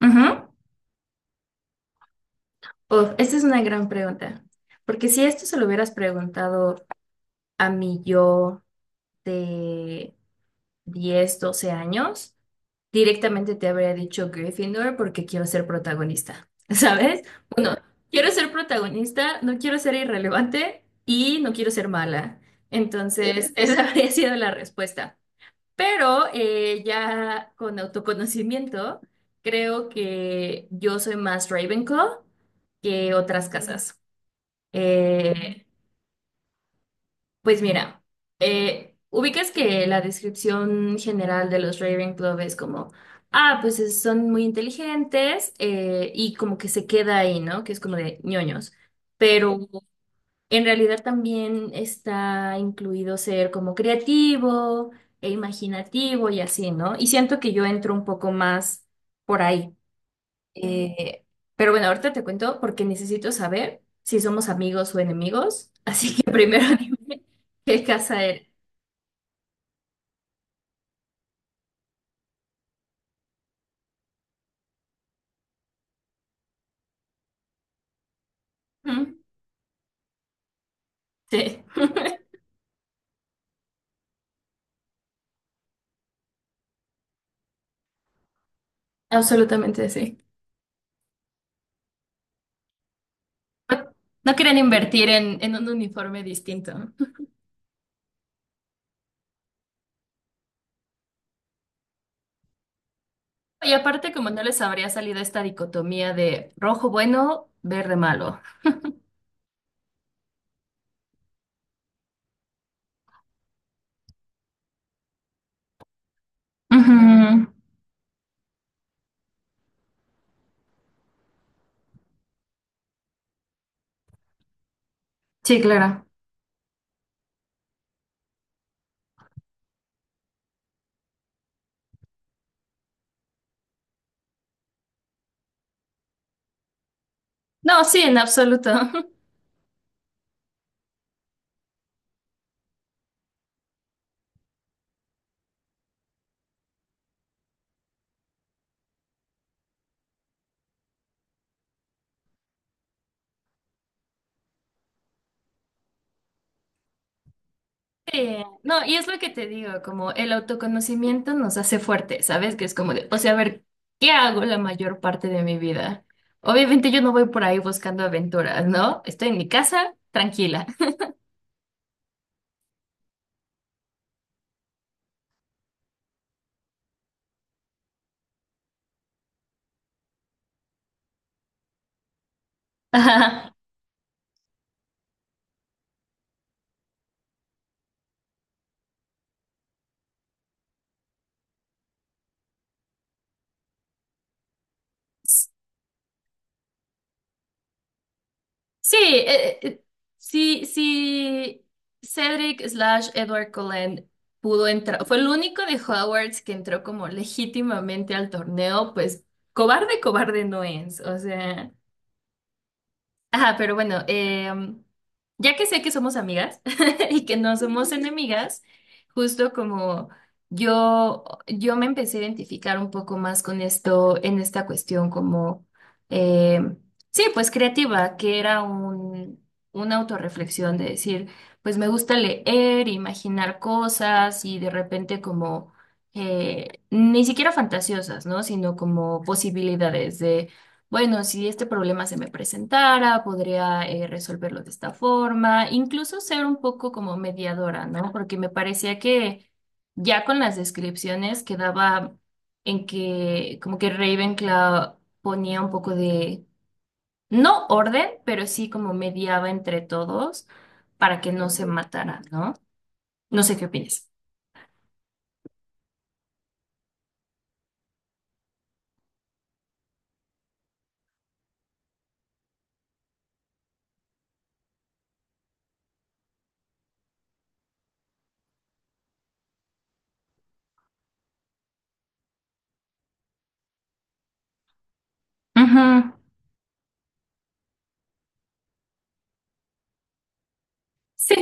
Ujú. Uf, esta es una gran pregunta, porque si esto se lo hubieras preguntado a mi yo de 10 12 años, directamente te habría dicho Gryffindor porque quiero ser protagonista, ¿sabes? Bueno, quiero ser protagonista, no quiero ser irrelevante y no quiero ser mala. Entonces, esa habría sido la respuesta. Pero ya con autoconocimiento, creo que yo soy más Ravenclaw que otras casas. Eh, pues mira, ubicas que la descripción general de los Ravenclaw es como, ah, pues son muy inteligentes y como que se queda ahí, ¿no? Que es como de ñoños. Pero sí. En realidad también está incluido ser como creativo e imaginativo y así, ¿no? Y siento que yo entro un poco más por ahí. Eh, pero bueno, ahorita te cuento porque necesito saber si somos amigos o enemigos. Así que primero dime qué casa eres. Ujú, sí, absolutamente sí. No quieren invertir en un uniforme distinto, ¿no? Y aparte, como no les habría salido esta dicotomía de rojo bueno, verde malo. Ujú. Sí, claro. No, sí, en absoluto. Sí, no, y es lo que te digo, como el autoconocimiento nos hace fuertes, ¿sabes? Que es como de, o sea, a ver, ¿qué hago la mayor parte de mi vida? Obviamente yo no voy por ahí buscando aventuras, ¿no? Estoy en mi casa, tranquila. Ajá. Sí, sí, sí, Cedric slash Edward Cullen pudo entrar, fue el único de Hogwarts que entró como legítimamente al torneo, pues cobarde, cobarde no es, o sea. Ajá, pero bueno, ya que sé que somos amigas y que no somos enemigas, justo como yo me empecé a identificar un poco más con esto, en esta cuestión como, em, sí, pues creativa, que era una autorreflexión de decir, pues me gusta leer, imaginar cosas y de repente como, ni siquiera fantasiosas, ¿no? Sino como posibilidades bueno, si este problema se me presentara, podría resolverlo de esta forma, incluso ser un poco como mediadora, ¿no? Porque me parecía que ya con las descripciones quedaba en que como que Ravenclaw ponía un poco de, no orden, pero sí como mediaba entre todos para que no se matara, ¿no? No sé qué opinas. Ujú. Sí,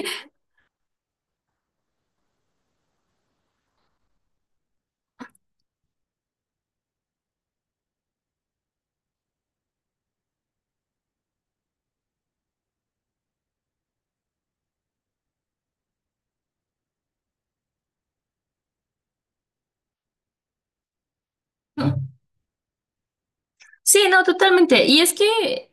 sí, no, totalmente. Y es que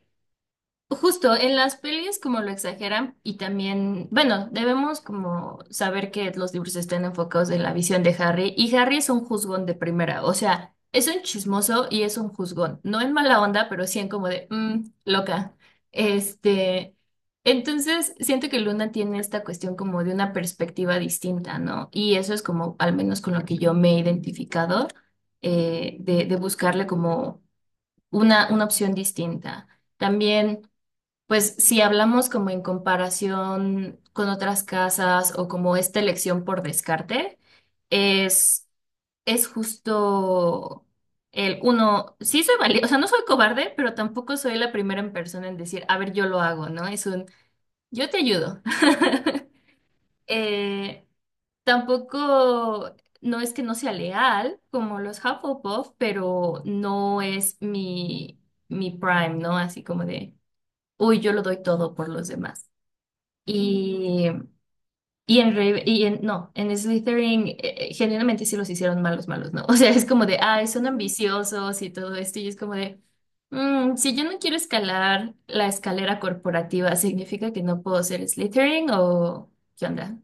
justo en las pelis como lo exageran y también, bueno, debemos como saber que los libros están enfocados en la visión de Harry y Harry es un juzgón de primera, o sea, es un chismoso y es un juzgón, no en mala onda, pero sí en como de, "Mm, loca". Este, entonces siento que Luna tiene esta cuestión como de una perspectiva distinta, ¿no? Y eso es como, al menos con lo que yo me he identificado, de, buscarle como una opción distinta. También. Pues si hablamos como en comparación con otras casas o como esta elección por descarte, es, es justo el uno, sí soy valiente, o sea, no soy cobarde, pero tampoco soy la primera en persona en decir, a ver, yo lo hago, ¿no? Yo te ayudo. Eh, tampoco, no es que no sea leal como los Hufflepuff, pero no es mi prime, ¿no? Así como de, uy, yo lo doy todo por los demás. Y, y en, no, en Slytherin genuinamente sí los hicieron malos, malos, ¿no? O sea, es como de, ay, son ambiciosos y todo esto, y es como de, "Mm, si yo no quiero escalar la escalera corporativa, ¿significa que no puedo ser Slytherin o qué onda?".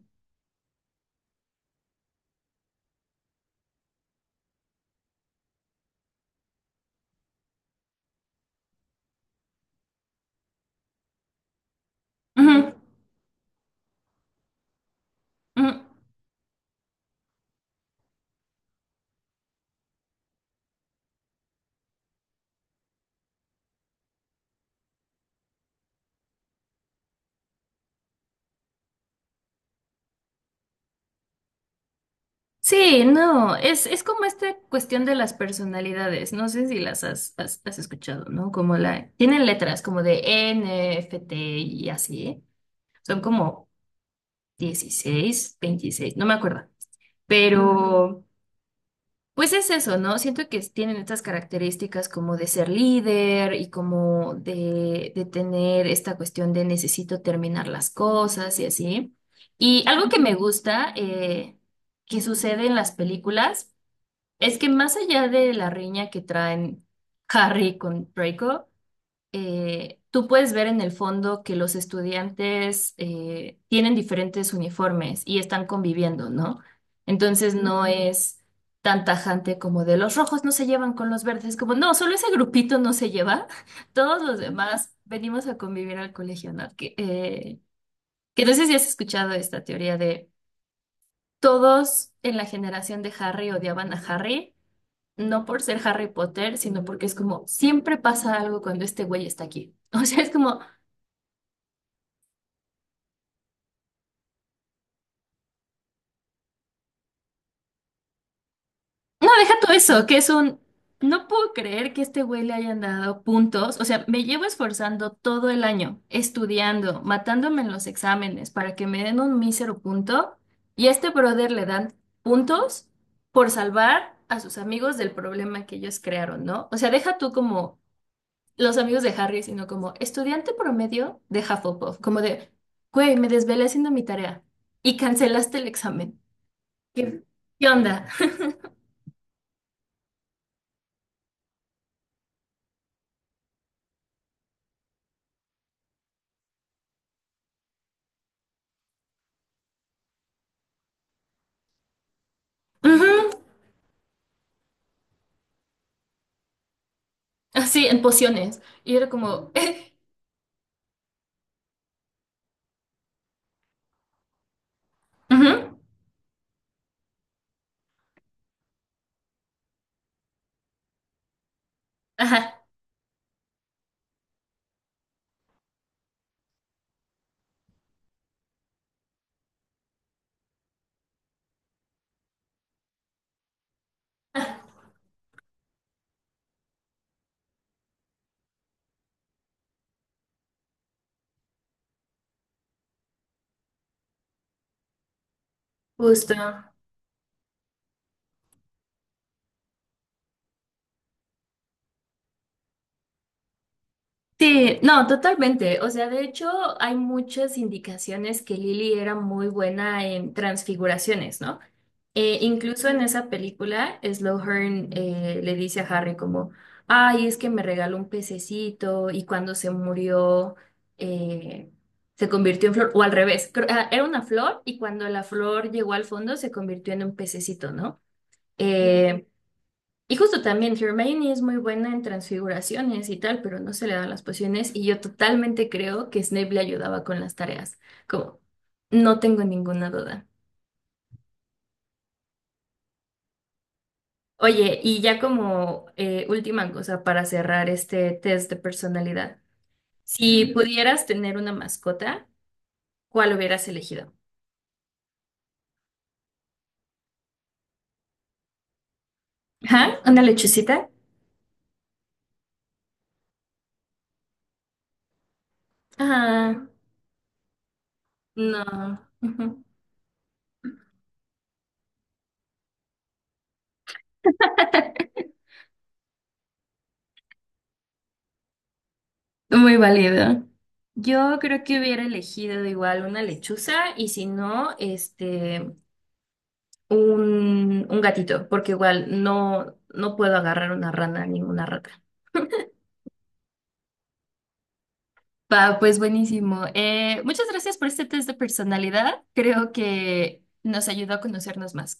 Ujú, ujú. Sí, no, es como esta cuestión de las personalidades, no sé si las has escuchado, ¿no? Como tienen letras como de N, F, T y así, son como 16, 26, no me acuerdo. Pero, pues es eso, ¿no? Siento que tienen estas características como de ser líder y como de tener esta cuestión de necesito terminar las cosas y así. Y algo que me gusta que sucede en las películas es que más allá de la riña que traen Harry con Draco, tú puedes ver en el fondo que los estudiantes tienen diferentes uniformes y están conviviendo, ¿no? Entonces no es tan tajante como de los rojos no se llevan con los verdes, como no, solo ese grupito no se lleva, todos los demás venimos a convivir al colegio, ¿no? Que no sé si has escuchado esta teoría de todos en la generación de Harry odiaban a Harry. No por ser Harry Potter, sino porque es como siempre pasa algo cuando este güey está aquí. O sea, es como no, deja todo eso, que es un. No puedo creer que este güey le hayan dado puntos. O sea, me llevo esforzando todo el año, estudiando, matándome en los exámenes para que me den un mísero punto. Y a este brother le dan puntos por salvar a sus amigos del problema que ellos crearon, ¿no? O sea, deja tú como los amigos de Harry, sino como estudiante promedio de Hufflepuff. Como de, güey, me desvelé haciendo mi tarea y cancelaste el examen. ¿Qué, qué onda? Ujú. Sí, en pociones. Y era como, ujú, ajá, justo. Sí, no, totalmente. O sea, de hecho, hay muchas indicaciones que Lily era muy buena en transfiguraciones, ¿no? Incluso en esa película, Slughorn le dice a Harry como, ay, es que me regaló un pececito y cuando se murió eh, se convirtió en flor, o al revés, era una flor y cuando la flor llegó al fondo se convirtió en un pececito, ¿no? Eh, Y justo también Hermione es muy buena en transfiguraciones y tal, pero no se le dan las pociones y yo totalmente creo que Snape le ayudaba con las tareas, como no tengo ninguna duda. Oye, y ya como última cosa para cerrar este test de personalidad, si pudieras tener una mascota, ¿cuál hubieras elegido? ¿Ah? ¿Una lechucita? Ah, no. Ujú. Muy válido. Yo creo que hubiera elegido igual una lechuza y si no, un gatito, porque igual no, no puedo agarrar una rana ni una rata. Va, pues buenísimo. Muchas gracias por este test de personalidad. Creo que nos ayudó a conocernos más.